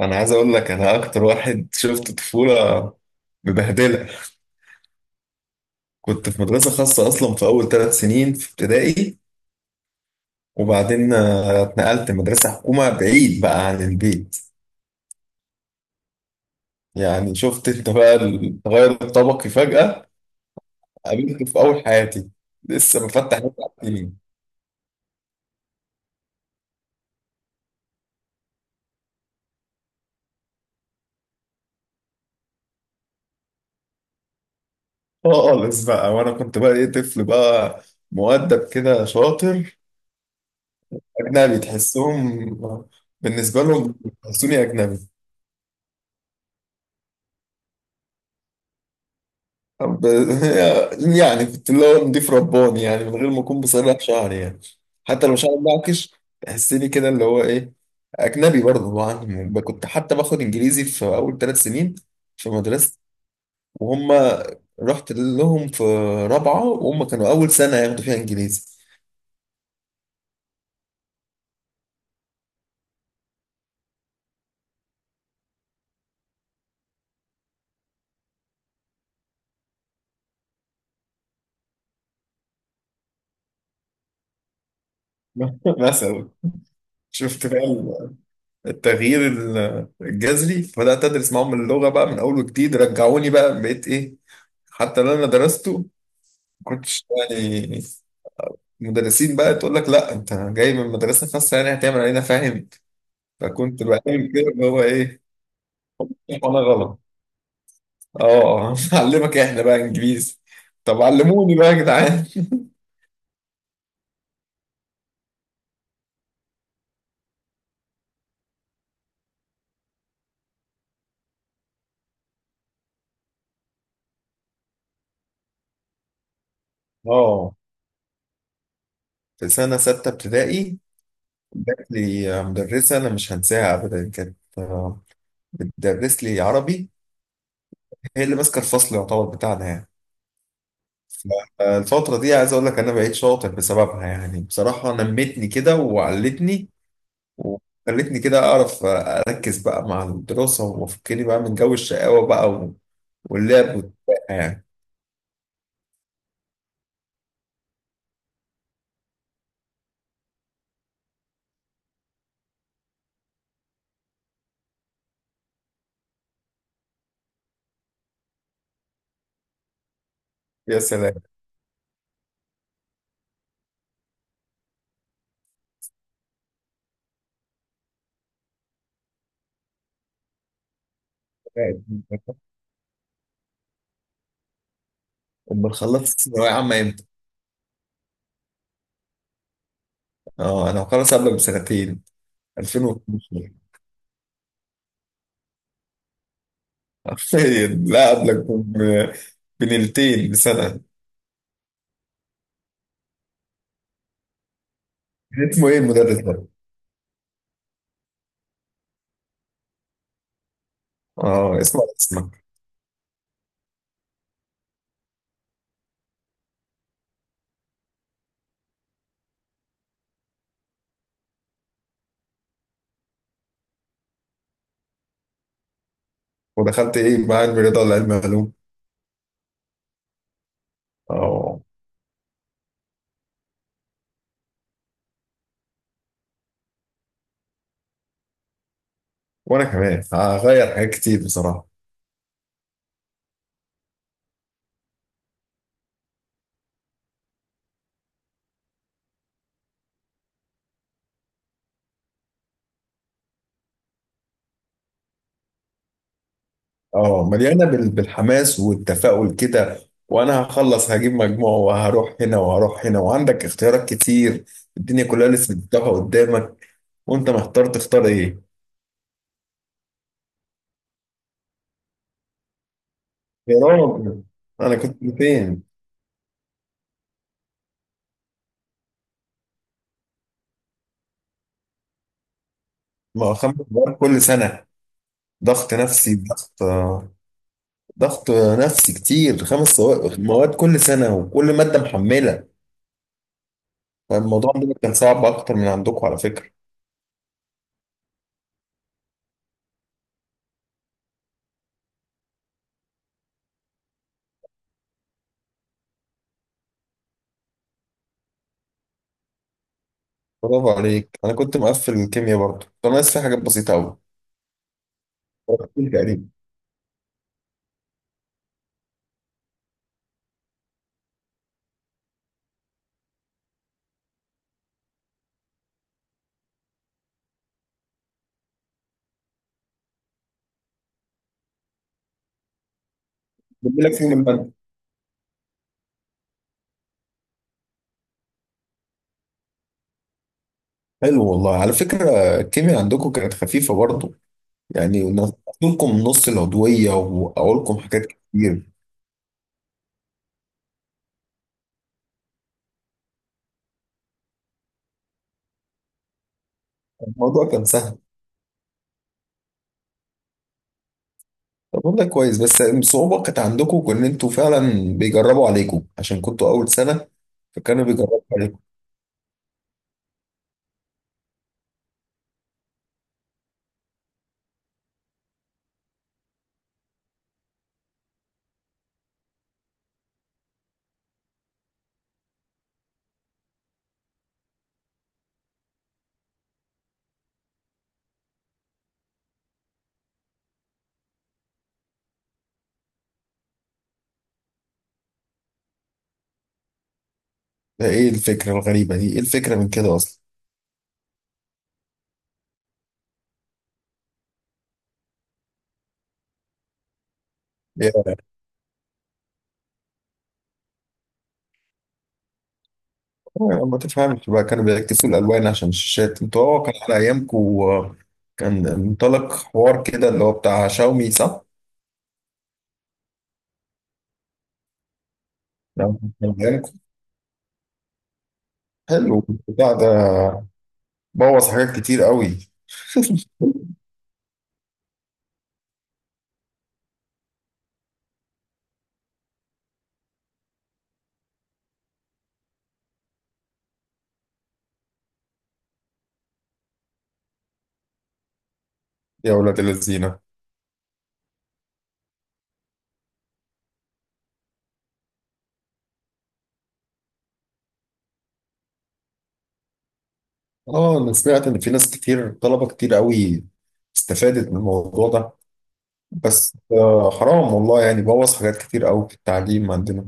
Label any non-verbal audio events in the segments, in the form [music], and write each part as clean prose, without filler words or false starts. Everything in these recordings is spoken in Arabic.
انا عايز اقول لك انا اكتر واحد شفت طفوله مبهدله. كنت في مدرسه خاصه اصلا في اول ثلاث سنين في ابتدائي، وبعدين اتنقلت مدرسه حكومه بعيد بقى عن البيت. يعني شفت انت بقى التغير الطبقي فجاه، قابلته في اول حياتي لسه مفتح بقى خالص بقى. وانا كنت بقى ايه، طفل بقى مؤدب كده شاطر اجنبي تحسهم، بالنسبه لهم بيحسوني اجنبي. طب [laughs] يعني كنت اللي هو نضيف رباني يعني من غير ما اكون بصلح شعري يعني، حتى لو شعري معكش تحسني كده اللي هو ايه اجنبي برضه طبعا. يعني كنت حتى باخد انجليزي في اول ثلاث سنين في مدرسه، وهم رحت لهم في رابعه وهم كانوا اول سنه ياخدوا فيها انجليزي. [laughs] مثلا شفت بقى التغيير الجذري، فبدات ادرس معاهم اللغه بقى من اول وجديد، رجعوني بقى بقيت ايه حتى اللي انا درسته ما كنتش يعني. مدرسين بقى تقول لك لا انت جاي من مدرسه خاصه يعني هتعمل علينا، فاهم؟ فكنت بعمل كده اللي هو ايه وانا غلط. اه [laughs] علمك احنا بقى انجليزي، طب علموني بقى يا جدعان. اه، في سنه سته ابتدائي جات لي مدرسه انا مش هنساها ابدا، كانت بتدرس لي عربي، هي اللي ماسكه الفصل يعتبر بتاعنا يعني. فالفترة دي عايز اقول لك انا بقيت شاطر بسببها، يعني بصراحة نمتني كده وعلتني، وخلتني كده أعرف أركز بقى مع الدراسة، وأفكني بقى من جو الشقاوة بقى واللعب والبقى يعني. يا سلام. [laughs] أما خلصت ثانوية عامة إمتى؟ أه أنا مخلص قبلك بسنتين، 2012. حرفيا لا قبلك بنيلتين بسنة. اسمه إيه المدرس ده؟ أه اسمه على اسمك. ودخلت إيه، مع علم الرياضة ولا علم علوم؟ أه وأنا كمان هغير حاجات كتير بصراحة. اه مليانه بالحماس والتفاؤل كده، وانا هخلص هجيب مجموع وهروح هنا وهروح هنا وعندك اختيارات كتير، الدنيا كلها لسه مفتوحه قدامك وانت محتار تختار ايه. يا راجل انا كنت فين؟ ما هو خمس سواق كل سنه، ضغط نفسي، ضغط، ضغط نفسي كتير، خمس سواق مواد كل سنه وكل ماده محمله. فالموضوع عندنا كان صعب اكتر من عندكم على فكره. برافو عليك، انا كنت مقفل الكيمياء برضه، كنت ناقص في حاجات بسيطه قوي. تقريبا بيقول لك فيهم المادة. حلو والله على فكرة. الكيمياء عندكم كانت خفيفة برضه، يعني نقولكم نص العضوية وأقولكم حاجات كتير، الموضوع كان سهل. طب والله كويس، بس الصعوبة كانت عندكم إن أنتوا فعلا بيجربوا عليكم عشان كنتوا أول سنة، فكانوا بيجربوا عليكم. ده إيه الفكرة الغريبة دي؟ إيه الفكرة من كده أصلا؟ يا- ما تفهمش بقى، كانوا بيعكسوا الألوان عشان الشاشات أنتوا. أه كان على أيامكم كان منطلق حوار كده اللي هو بتاع شاومي، صح؟ كان حلو البتاع ده، بوظ حاجات كتير قوي. يا ولاد الذين. اه انا سمعت ان في ناس كتير، طلبه كتير قوي استفادت من الموضوع ده. بس آه حرام والله، يعني بوظ حاجات كتير قوي في التعليم عندنا،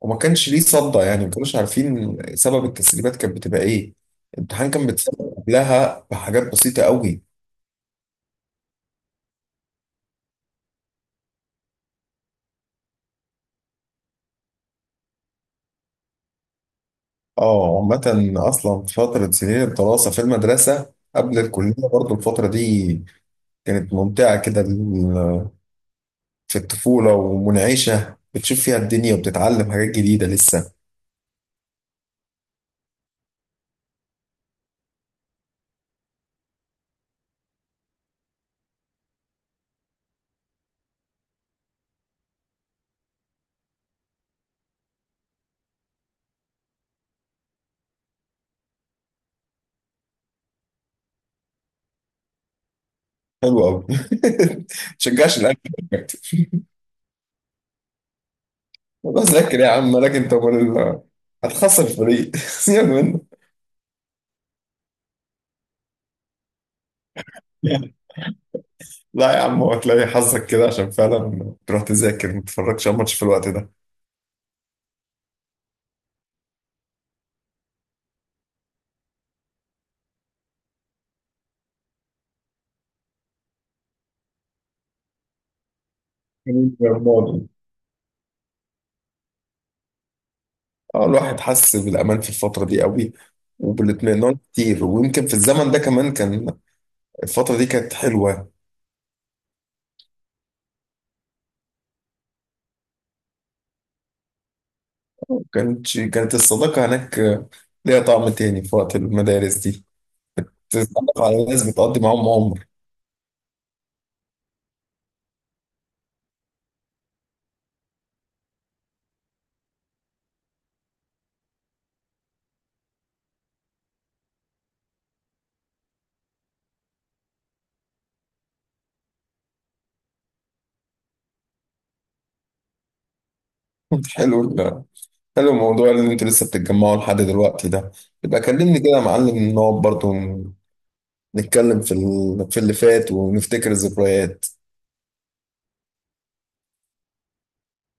وما كانش ليه صدى، يعني ما كانوش عارفين سبب التسريبات كانت بتبقى ايه، الامتحان كان بيتسرب قبلها بحاجات بسيطه قوي. اه عامة، اصلا في فترة سنين الدراسة في المدرسة قبل الكلية برضو الفترة دي كانت ممتعة كده، في الطفولة ومنعشة بتشوف فيها الدنيا وبتتعلم حاجات جديدة لسه. حلو قوي. [laughs] تشجعش الأهلي؟ بس [laughs] ذاكر يا عم، مالك انت ومال هتخسر الفريق. [laughs] سيبك منه. لا يا عم، هتلاقي حظك كده عشان فعلا تروح تذاكر ما تتفرجش على الماتش في الوقت ده. الماضي. اه الواحد حس بالامان في الفتره دي قوي، وبالاطمئنان كتير، ويمكن في الزمن ده كمان كان الفتره دي كانت حلوه. كانت كانت الصداقه هناك ليها طعم تاني في وقت المدارس دي، تتعرف على ناس بتقضي معاهم عمر. [laughs] حلو ال- حلو الموضوع اللي انتوا لسه بتتجمعوا لحد دلوقتي ده. يبقى كلمني كده يا معلم نقعد برضه نتكلم في اللي فات ونفتكر الذكريات.